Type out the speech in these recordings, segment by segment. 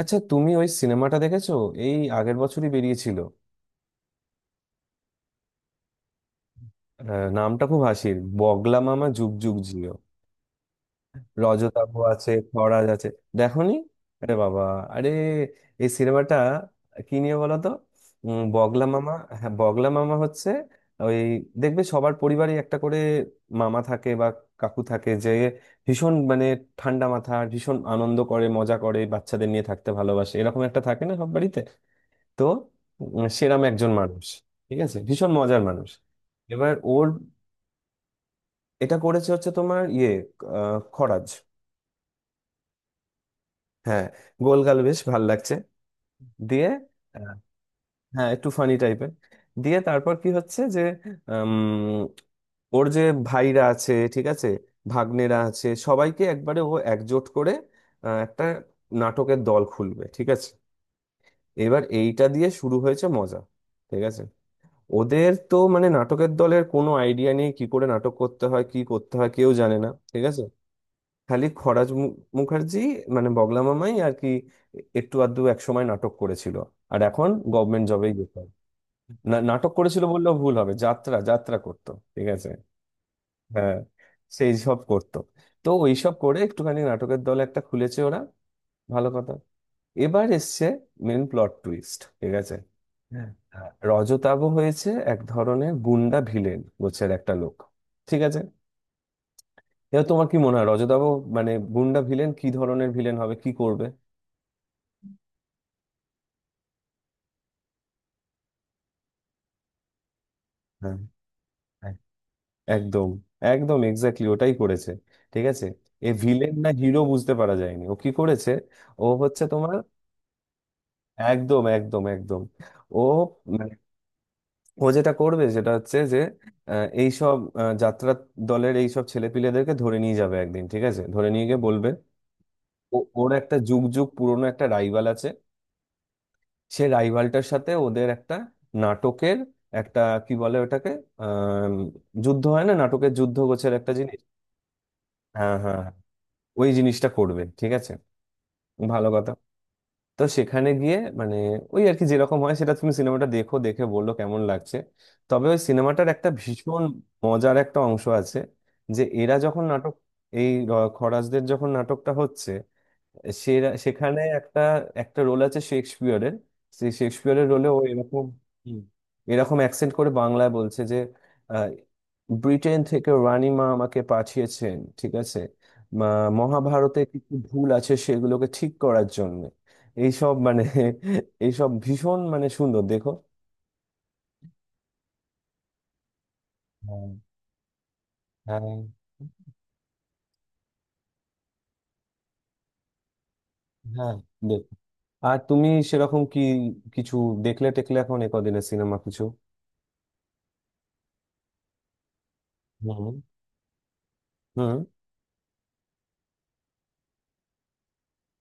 আচ্ছা, তুমি ওই সিনেমাটা দেখেছো? এই আগের বছরই বেরিয়েছিল। আহ, নামটা খুব হাসির, বগলা মামা যুগ যুগ জিও। রজতাভ আছে, খরাজ আছে। দেখোনি? আরে বাবা, আরে, এই সিনেমাটা কি নিয়ে বলো তো। বগলা মামা। হ্যাঁ, বগলা মামা হচ্ছে ওই, দেখবে সবার পরিবারে একটা করে মামা থাকে বা কাকু থাকে, যে ভীষণ মানে ঠান্ডা মাথা, ভীষণ আনন্দ করে, মজা করে, বাচ্চাদের নিয়ে থাকতে ভালোবাসে, এরকম একটা থাকে না সব বাড়িতে? তো সেরাম একজন মানুষ। ঠিক আছে, ভীষণ মজার মানুষ। এবার ওর, এটা করেছে হচ্ছে তোমার ইয়ে, খরাজ। হ্যাঁ, গোলগাল, বেশ ভাল লাগছে। দিয়ে, আহ, হ্যাঁ, একটু ফানি টাইপের। দিয়ে তারপর কি হচ্ছে যে, উম, ওর যে ভাইরা আছে, ঠিক আছে, ভাগ্নেরা আছে, সবাইকে একবারে ও একজোট করে একটা নাটকের দল খুলবে। ঠিক আছে, এবার এইটা দিয়ে শুরু হয়েছে মজা। ঠিক আছে, ওদের তো মানে নাটকের দলের কোনো আইডিয়া নেই, কি করে নাটক করতে হয়, কি করতে হয় কেউ জানে না। ঠিক আছে, খালি খরাজ মুখার্জি, মানে বগলা মামাই আর কি, একটু আধটু এক সময় নাটক করেছিল, আর এখন গভর্নমেন্ট জবেই যেতে হয়। না, নাটক করেছিল বললেও ভুল হবে, যাত্রা যাত্রা করতো। ঠিক আছে, হ্যাঁ, সেই সব করতো। তো ওইসব করে একটুখানি নাটকের দল একটা খুলেছে ওরা। ভালো কথা। এবার এসছে মেন প্লট টুইস্ট। ঠিক আছে। হ্যাঁ। রজতাভ হয়েছে এক ধরনের গুন্ডা ভিলেন গোছের একটা লোক। ঠিক আছে, এবার তোমার কি মনে হয় রজতাভ মানে গুন্ডা ভিলেন কি ধরনের ভিলেন হবে, কি করবে? হ্যাঁ, হ্যাঁ, একদম একদম এক্স্যাক্টলি ওটাই করেছে। ঠিক আছে, এ ভিলেন না হিরো বুঝতে পারা যায়নি ও কি করেছে। ও হচ্ছে তোমার, একদম একদম একদম। ও, ও যেটা করবে সেটা হচ্ছে যে এইসব যাত্রা দলের এইসব ছেলেপিলেদেরকে ধরে নিয়ে যাবে একদিন। ঠিক আছে, ধরে নিয়ে গিয়ে বলবে, ওর একটা যুগ যুগ পুরনো একটা রাইভাল আছে, সে রাইভালটার সাথে ওদের একটা নাটকের একটা কি বলে ওটাকে, আহ যুদ্ধ হয় না, নাটকের যুদ্ধ গোছের একটা জিনিস। হ্যাঁ, হ্যাঁ, হ্যাঁ। ওই জিনিসটা করবে। ঠিক আছে, ভালো কথা। তো সেখানে গিয়ে মানে ওই আর কি, যেরকম হয় সেটা তুমি সিনেমাটা দেখো, দেখে বললো কেমন লাগছে। তবে ওই সিনেমাটার একটা ভীষণ মজার একটা অংশ আছে, যে এরা যখন নাটক, এই খরাজদের যখন নাটকটা হচ্ছে, সে সেখানে একটা, একটা রোল আছে শেক্সপিয়রের। সেই শেক্সপিয়রের রোলে ও এরকম, হুম, এরকম অ্যাকসেন্ট করে বাংলায় বলছে যে আহ, ব্রিটেন থেকে রানীমা আমাকে পাঠিয়েছেন। ঠিক আছে, মা- মহাভারতে কিছু ভুল আছে সেগুলোকে ঠিক করার জন্য। এইসব মানে, এইসব ভীষণ মানে সুন্দর দেখো। হ্যাঁ, হ্যাঁ, হ্যাঁ, দেখো। আর তুমি সেরকম কি কিছু দেখলে টেকলে এখন এ কদিনের সিনেমা কিছু? হুম। হুম।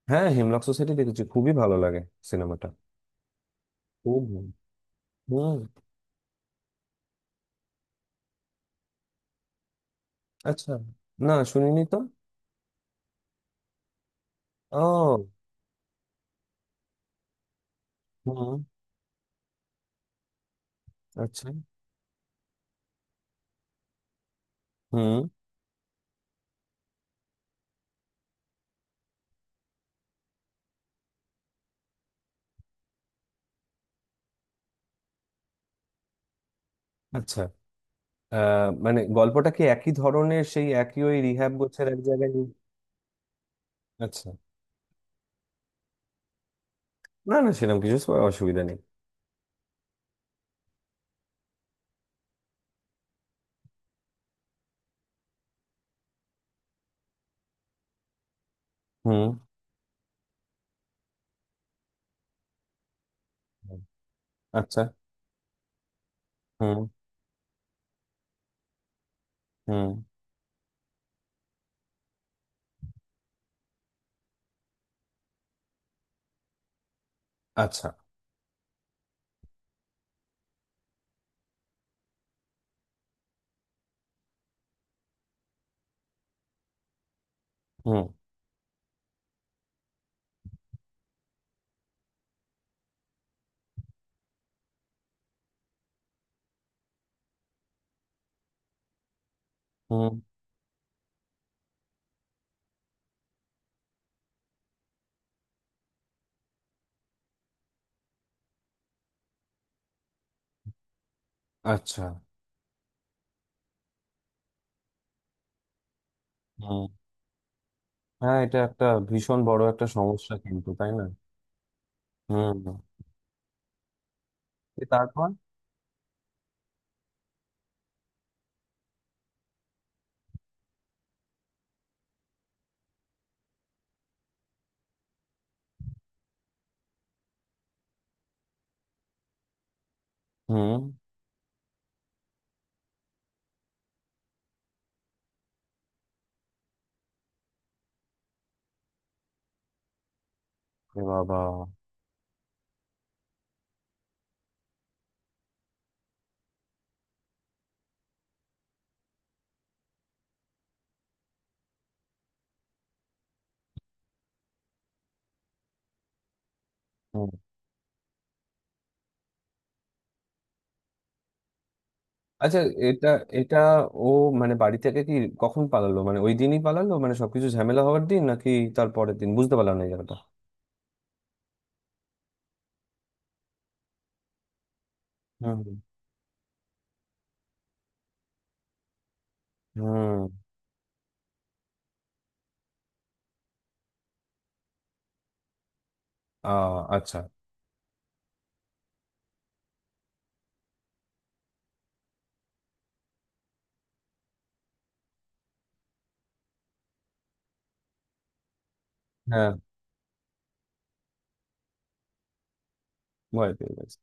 হ্যাঁ, হিমলক সোসাইটি দেখেছি, খুবই ভালো লাগে সিনেমাটা। খুব ভালো। হুম। আচ্ছা, না, শুনিনি তো। ও। হুম। আচ্ছা। হুম। আচ্ছা। আহ মানে গল্পটা কি একই ধরনের, সেই একই ওই রিহ্যাব গোছের এক জায়গায় নিয়ে? আচ্ছা, না না সেরকম কিছু অসুবিধা নেই। হুম। হুম, আচ্ছা। হুম। হুম। আচ্ছা। হুম। হুম। আচ্ছা। হুম। হ্যাঁ, এটা একটা ভীষণ বড় একটা সমস্যা কিন্তু, তাই না? হুম। এ তারপর? হুম। এ বাবা। আচ্ছা, এটা, এটা, ও, মানে বাড়ি থেকে কি কখন পালালো? মানে ওই দিনই পালালো মানে সবকিছু ঝামেলা হওয়ার দিন, নাকি তার পরের দিন? বুঝতে পারলাম না এই জায়গাটা। হুম, হুম। হুম। আ, আচ্ছা। হ্যাঁ, ভয় পেয়ে গেছে।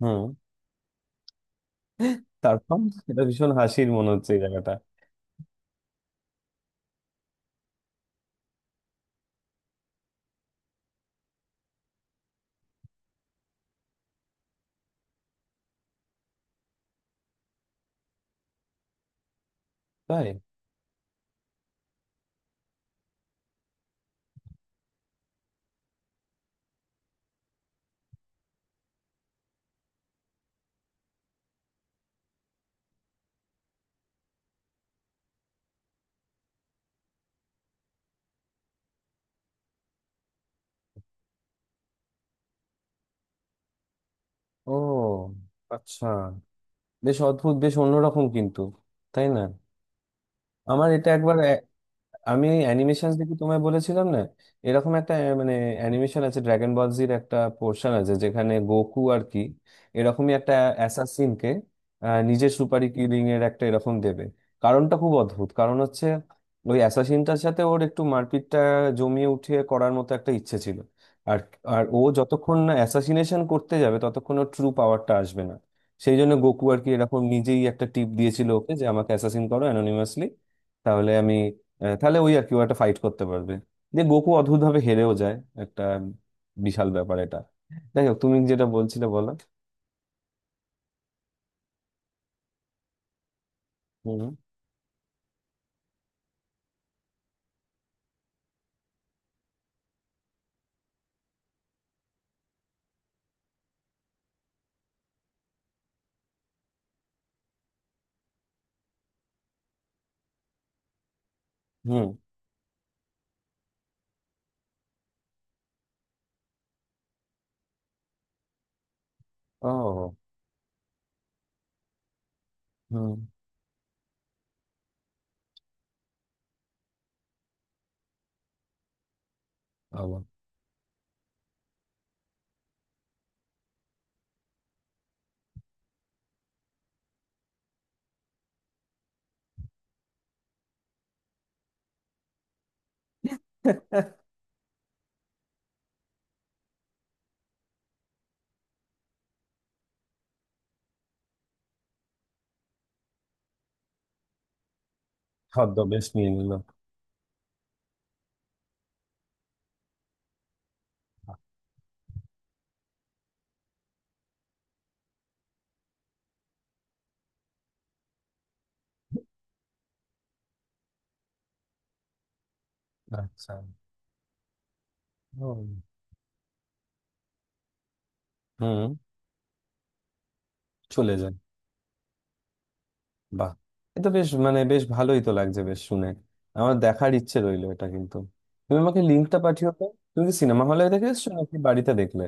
হুম। তারপর? এটা ভীষণ হাসির মনে হচ্ছে এই জায়গাটা। তাই? ও, আচ্ছা। বেশ অদ্ভুত, বেশ অন্যরকম কিন্তু, তাই না? আমার এটা একবার, আমি অ্যানিমেশন দেখে তোমায় বলেছিলাম না, এরকম একটা, মানে অ্যানিমেশন আছে ড্রাগন বল জির একটা পোর্শন আছে যেখানে গোকু আর কি এরকমই একটা অ্যাসাসিনকে নিজের সুপারি কিলিং এর একটা এরকম দেবে। কারণটা খুব অদ্ভুত, কারণ হচ্ছে ওই অ্যাসাসিনটার সাথে ওর একটু মারপিটটা জমিয়ে উঠিয়ে করার মতো একটা ইচ্ছে ছিল। আর আর ও যতক্ষণ না অ্যাসাসিনেশন করতে যাবে, ততক্ষণ ওর ট্রু পাওয়ারটা আসবে না। সেই জন্য গোকু আর কি এরকম নিজেই একটা টিপ দিয়েছিল ওকে, যে আমাকে অ্যাসাসিন করো অ্যানোনিমাসলি, তাহলে আমি, তাহলে ওই আর কি ও একটা ফাইট করতে পারবে। যে গোকু অদ্ভুত ভাবে হেরেও যায়, একটা বিশাল ব্যাপার এটা। যাই হোক, তুমি যেটা বলছিলে বলো। হুম। হুম। ও। হুম। আবার ছদ্মবেশ নিয়ে নিল। আচ্ছা। হুম। হুম, চলে যায়। বাহ, এ তো বেশ মানে বেশ ভালোই তো লাগছে বেশ শুনে। আমার দেখার ইচ্ছে রইলো এটা কিন্তু, তুমি আমাকে লিঙ্কটা পাঠিও তো। তুমি কি সিনেমা হলে দেখে এসছো নাকি বাড়িতে দেখলে?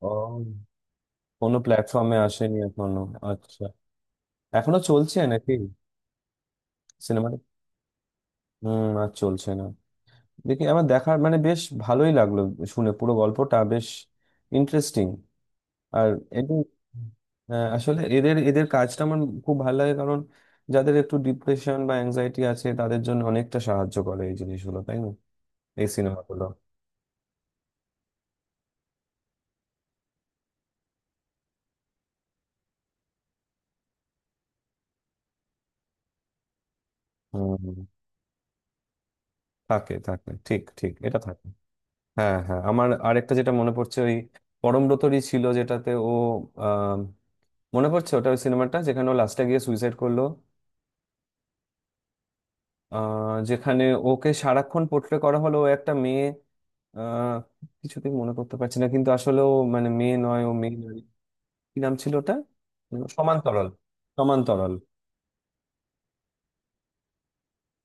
ও, কোনো প্ল্যাটফর্মে আসেনি এখনো? আচ্ছা, এখনো চলছে নাকি সিনেমা? হুম, আর চলছে না। দেখি, আমার দেখার মানে বেশ ভালোই লাগলো শুনে, পুরো গল্পটা বেশ ইন্টারেস্টিং। আর এদের, হ্যাঁ, আসলে এদের, এদের কাজটা আমার খুব ভালো লাগে, কারণ যাদের একটু ডিপ্রেশন বা অ্যাংজাইটি আছে তাদের জন্য অনেকটা সাহায্য করে এই জিনিসগুলো, তাই না, এই সিনেমাগুলো? হুম, হুম। থাকে থাকে, ঠিক ঠিক, এটা থাকে। হ্যাঁ, হ্যাঁ, আমার আরেকটা যেটা মনে পড়ছে, ওই পরমব্রতরই ছিল যেটাতে ও, আহ মনে পড়ছে ওটা, ওই সিনেমাটা যেখানে ও লাস্টে গিয়ে সুইসাইড করলো। আহ, যেখানে ওকে সারাক্ষণ পোর্ট্রে করা হলো ও একটা মেয়ে, আহ কিছুতেই মনে করতে পারছি না, কিন্তু আসলে ও মানে মেয়ে নয়, ও মেয়ে নয়। কি নাম ছিল ওটা? সমান্তরাল। সমান্তরাল।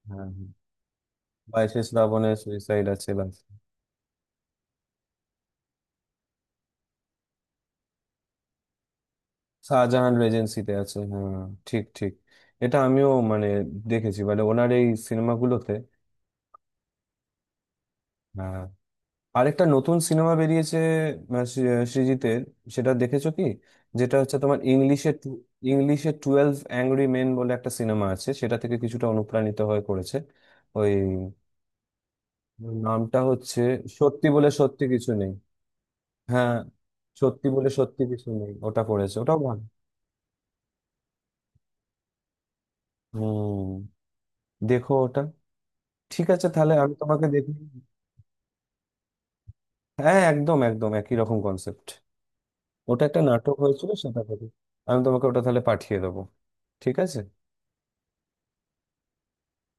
হ্যাঁ, হ্যাঁ। বাইসেস রাবণের সুইসাইড আছে বা। শাহজাহান রেজেন্সিতে আছে, হ্যাঁ, ঠিক ঠিক। এটা আমিও মানে দেখেছি মানে ওনার এই সিনেমাগুলোতে। আরেকটা নতুন সিনেমা বেরিয়েছে আহ, সৃ- সৃজিতের, সেটা দেখেছো কি? যেটা হচ্ছে তোমার ইংলিশে ইংলিশে টুয়েলভ অ্যাংরি মেন বলে একটা সিনেমা আছে, সেটা থেকে কিছুটা অনুপ্রাণিত হয়ে করেছে। ওই নামটা হচ্ছে সত্যি বলে সত্যি কিছু নেই। হ্যাঁ, সত্যি বলে সত্যি কিছু নেই, ওটা পড়েছে, ওটাও ভালো। হুম, দেখো ওটা। ঠিক আছে তাহলে আমি তোমাকে দেখি। হ্যাঁ, একদম একদম একই রকম কনসেপ্ট। ওটা একটা নাটক হয়েছিল, সেটা দেখো। আমি তোমাকে ওটা তাহলে পাঠিয়ে দেবো, ঠিক আছে।